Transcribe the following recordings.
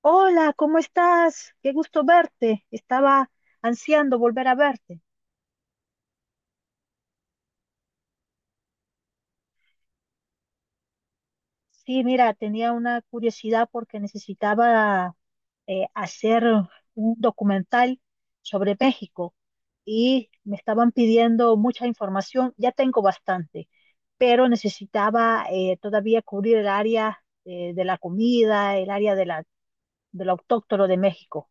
Hola, ¿cómo estás? Qué gusto verte. Estaba ansiando volver a verte. Sí, mira, tenía una curiosidad porque necesitaba hacer un documental sobre México y me estaban pidiendo mucha información. Ya tengo bastante, pero necesitaba todavía cubrir el área de la comida, el área de lo autóctono de México.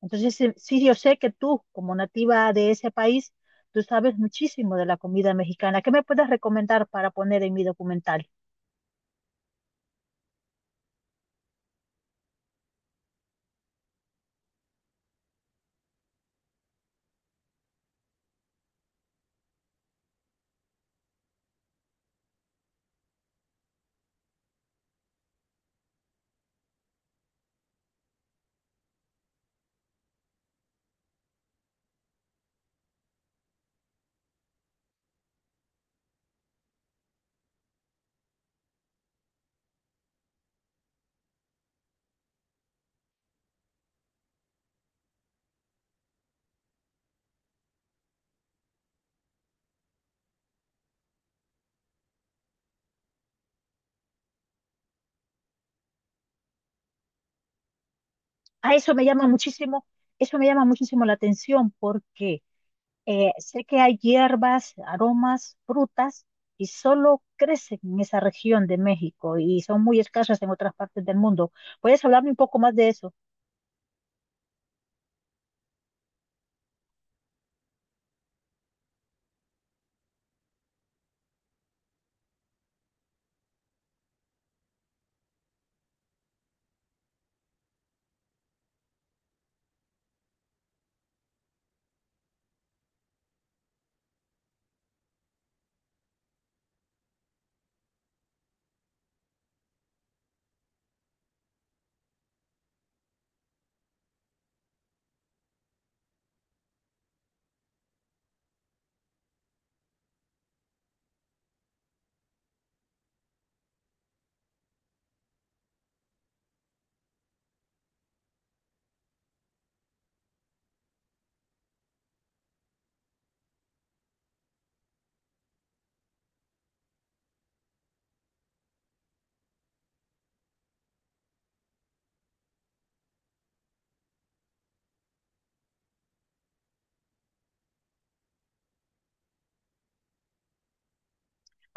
Entonces, sí, sí, yo sé que tú, como nativa de ese país, tú sabes muchísimo de la comida mexicana. ¿Qué me puedes recomendar para poner en mi documental? A eso me llama muchísimo, eso me llama muchísimo la atención porque sé que hay hierbas, aromas, frutas y solo crecen en esa región de México y son muy escasas en otras partes del mundo. ¿Puedes hablarme un poco más de eso?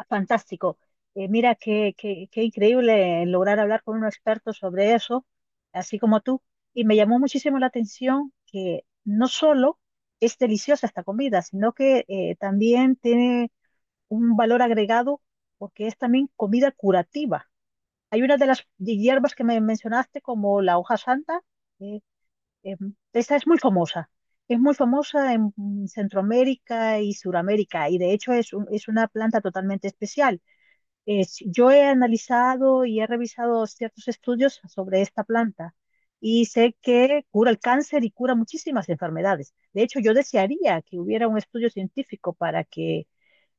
Fantástico. Mira, qué increíble lograr hablar con un experto sobre eso, así como tú. Y me llamó muchísimo la atención que no solo es deliciosa esta comida, sino que también tiene un valor agregado porque es también comida curativa. Hay una de las hierbas que me mencionaste como la hoja santa, eh, eh, esa es muy famosa. Es muy famosa en Centroamérica y Suramérica y de hecho es una planta totalmente especial yo he analizado y he revisado ciertos estudios sobre esta planta y sé que cura el cáncer y cura muchísimas enfermedades. De hecho, yo desearía que hubiera un estudio científico para que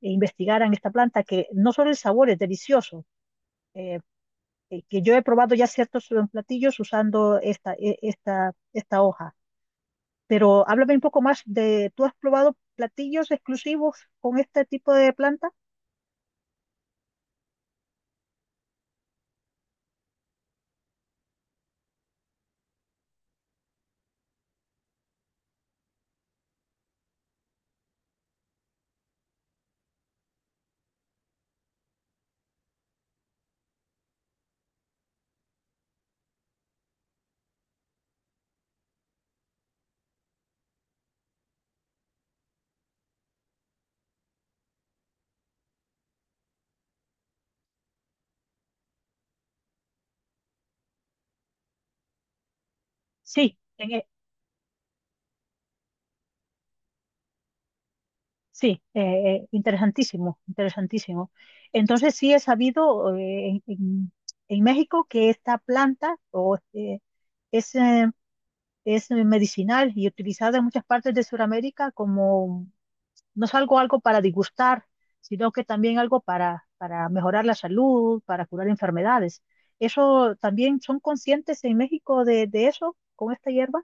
investigaran esta planta, que no solo el sabor es delicioso, eh, que yo he probado ya ciertos platillos usando esta hoja. Pero háblame un poco más de, ¿tú has probado platillos exclusivos con este tipo de planta? Sí, sí, interesantísimo, interesantísimo. Entonces sí he sabido en México que esta planta es, eh, es medicinal y utilizada en muchas partes de Sudamérica como no es algo, algo para disgustar, sino que también algo para mejorar la salud, para curar enfermedades. ¿Eso también son conscientes en México de eso, con esta hierba?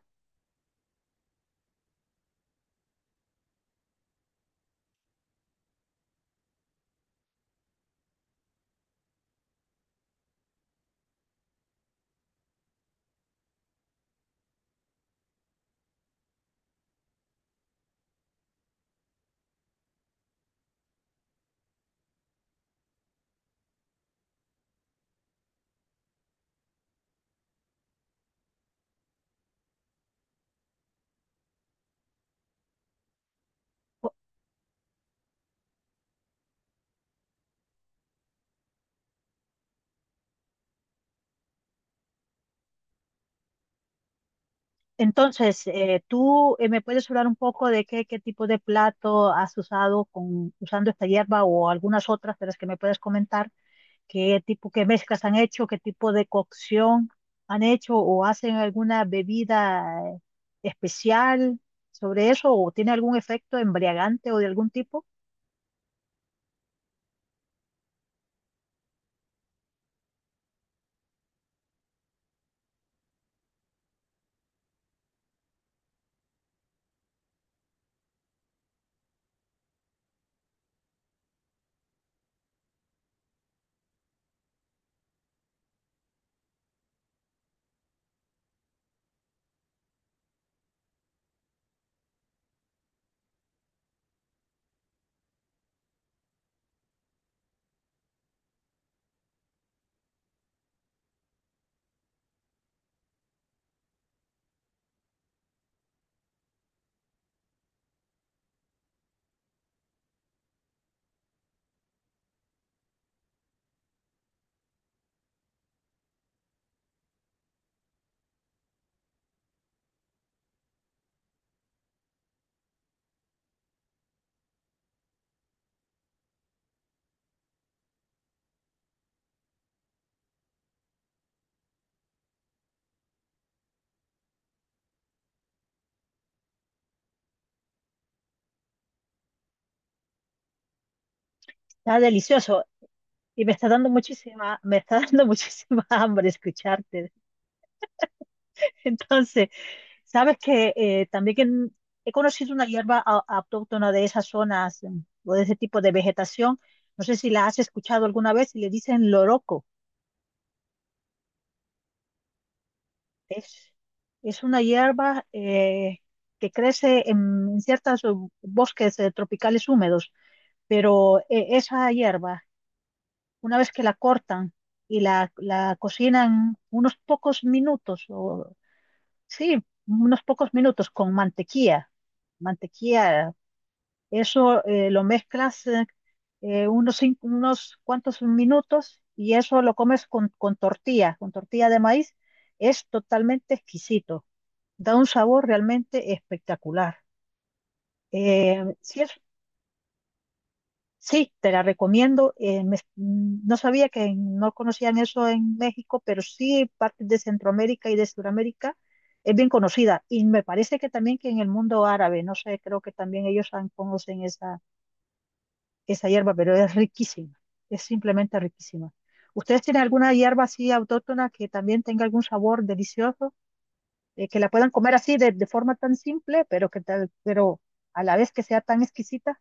Entonces, ¿tú me puedes hablar un poco de qué, qué tipo de plato has usado con, usando esta hierba o algunas otras de las que me puedes comentar? ¿Qué tipo, qué mezclas han hecho? ¿Qué tipo de cocción han hecho? ¿O hacen alguna bebida eh, especial sobre eso? ¿O tiene algún efecto embriagante o de algún tipo? Está delicioso y me está dando muchísima, me está dando muchísima hambre escucharte. Entonces, sabes que también que he conocido una hierba autóctona de esas zonas o de ese tipo de vegetación. No sé si la has escuchado alguna vez y le dicen loroco. Es, es una hierba que crece en, ciertos bosques tropicales húmedos, pero esa hierba, una vez que la cortan y la cocinan unos pocos minutos, o sí, unos pocos minutos con mantequilla, mantequilla. Eso lo mezclas unos, unos cuantos minutos y eso lo comes con tortilla de maíz. Es totalmente exquisito. Da un sabor realmente espectacular. Eh, sí, es- sí, te la recomiendo. No sabía que no conocían eso en México, pero sí partes de Centroamérica y de Sudamérica es bien conocida. Y me parece que también que en el mundo árabe, no sé, creo que también ellos conocen esa esa hierba, pero es riquísima, es simplemente riquísima. ¿Ustedes tienen alguna hierba así autóctona que también tenga algún sabor delicioso, que la puedan comer así de forma tan simple, pero que tal, pero a la vez que sea tan exquisita?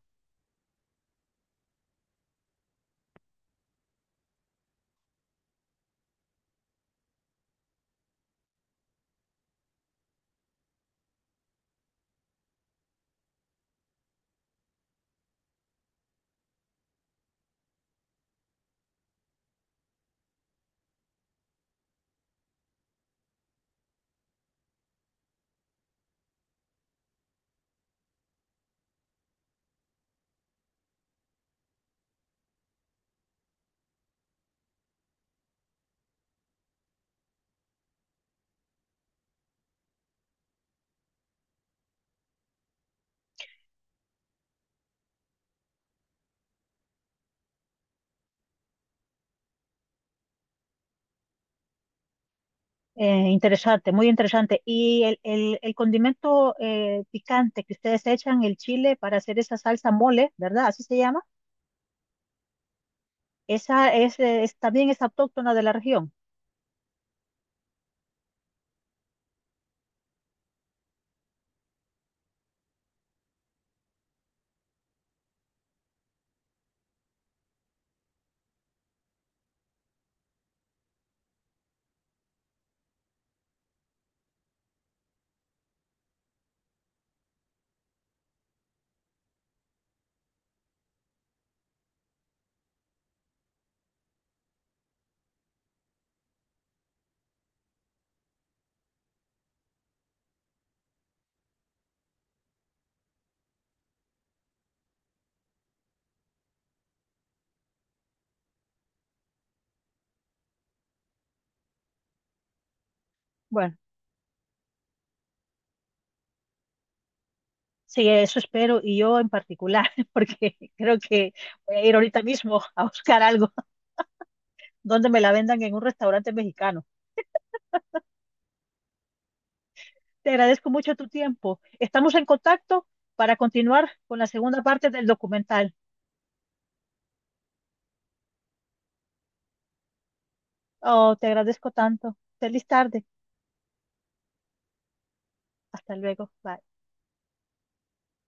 Interesante, muy interesante. Y el condimento picante que ustedes echan, el chile, para hacer esa salsa mole, ¿verdad? Así se llama. Esa es, también es autóctona de la región. Bueno. Sí, eso espero, y yo en particular, porque creo que voy a ir ahorita mismo a buscar algo donde me la vendan en un restaurante mexicano. Te agradezco mucho tu tiempo. Estamos en contacto para continuar con la segunda parte del documental. Oh, te agradezco tanto. Feliz tarde. Hasta luego. Bye.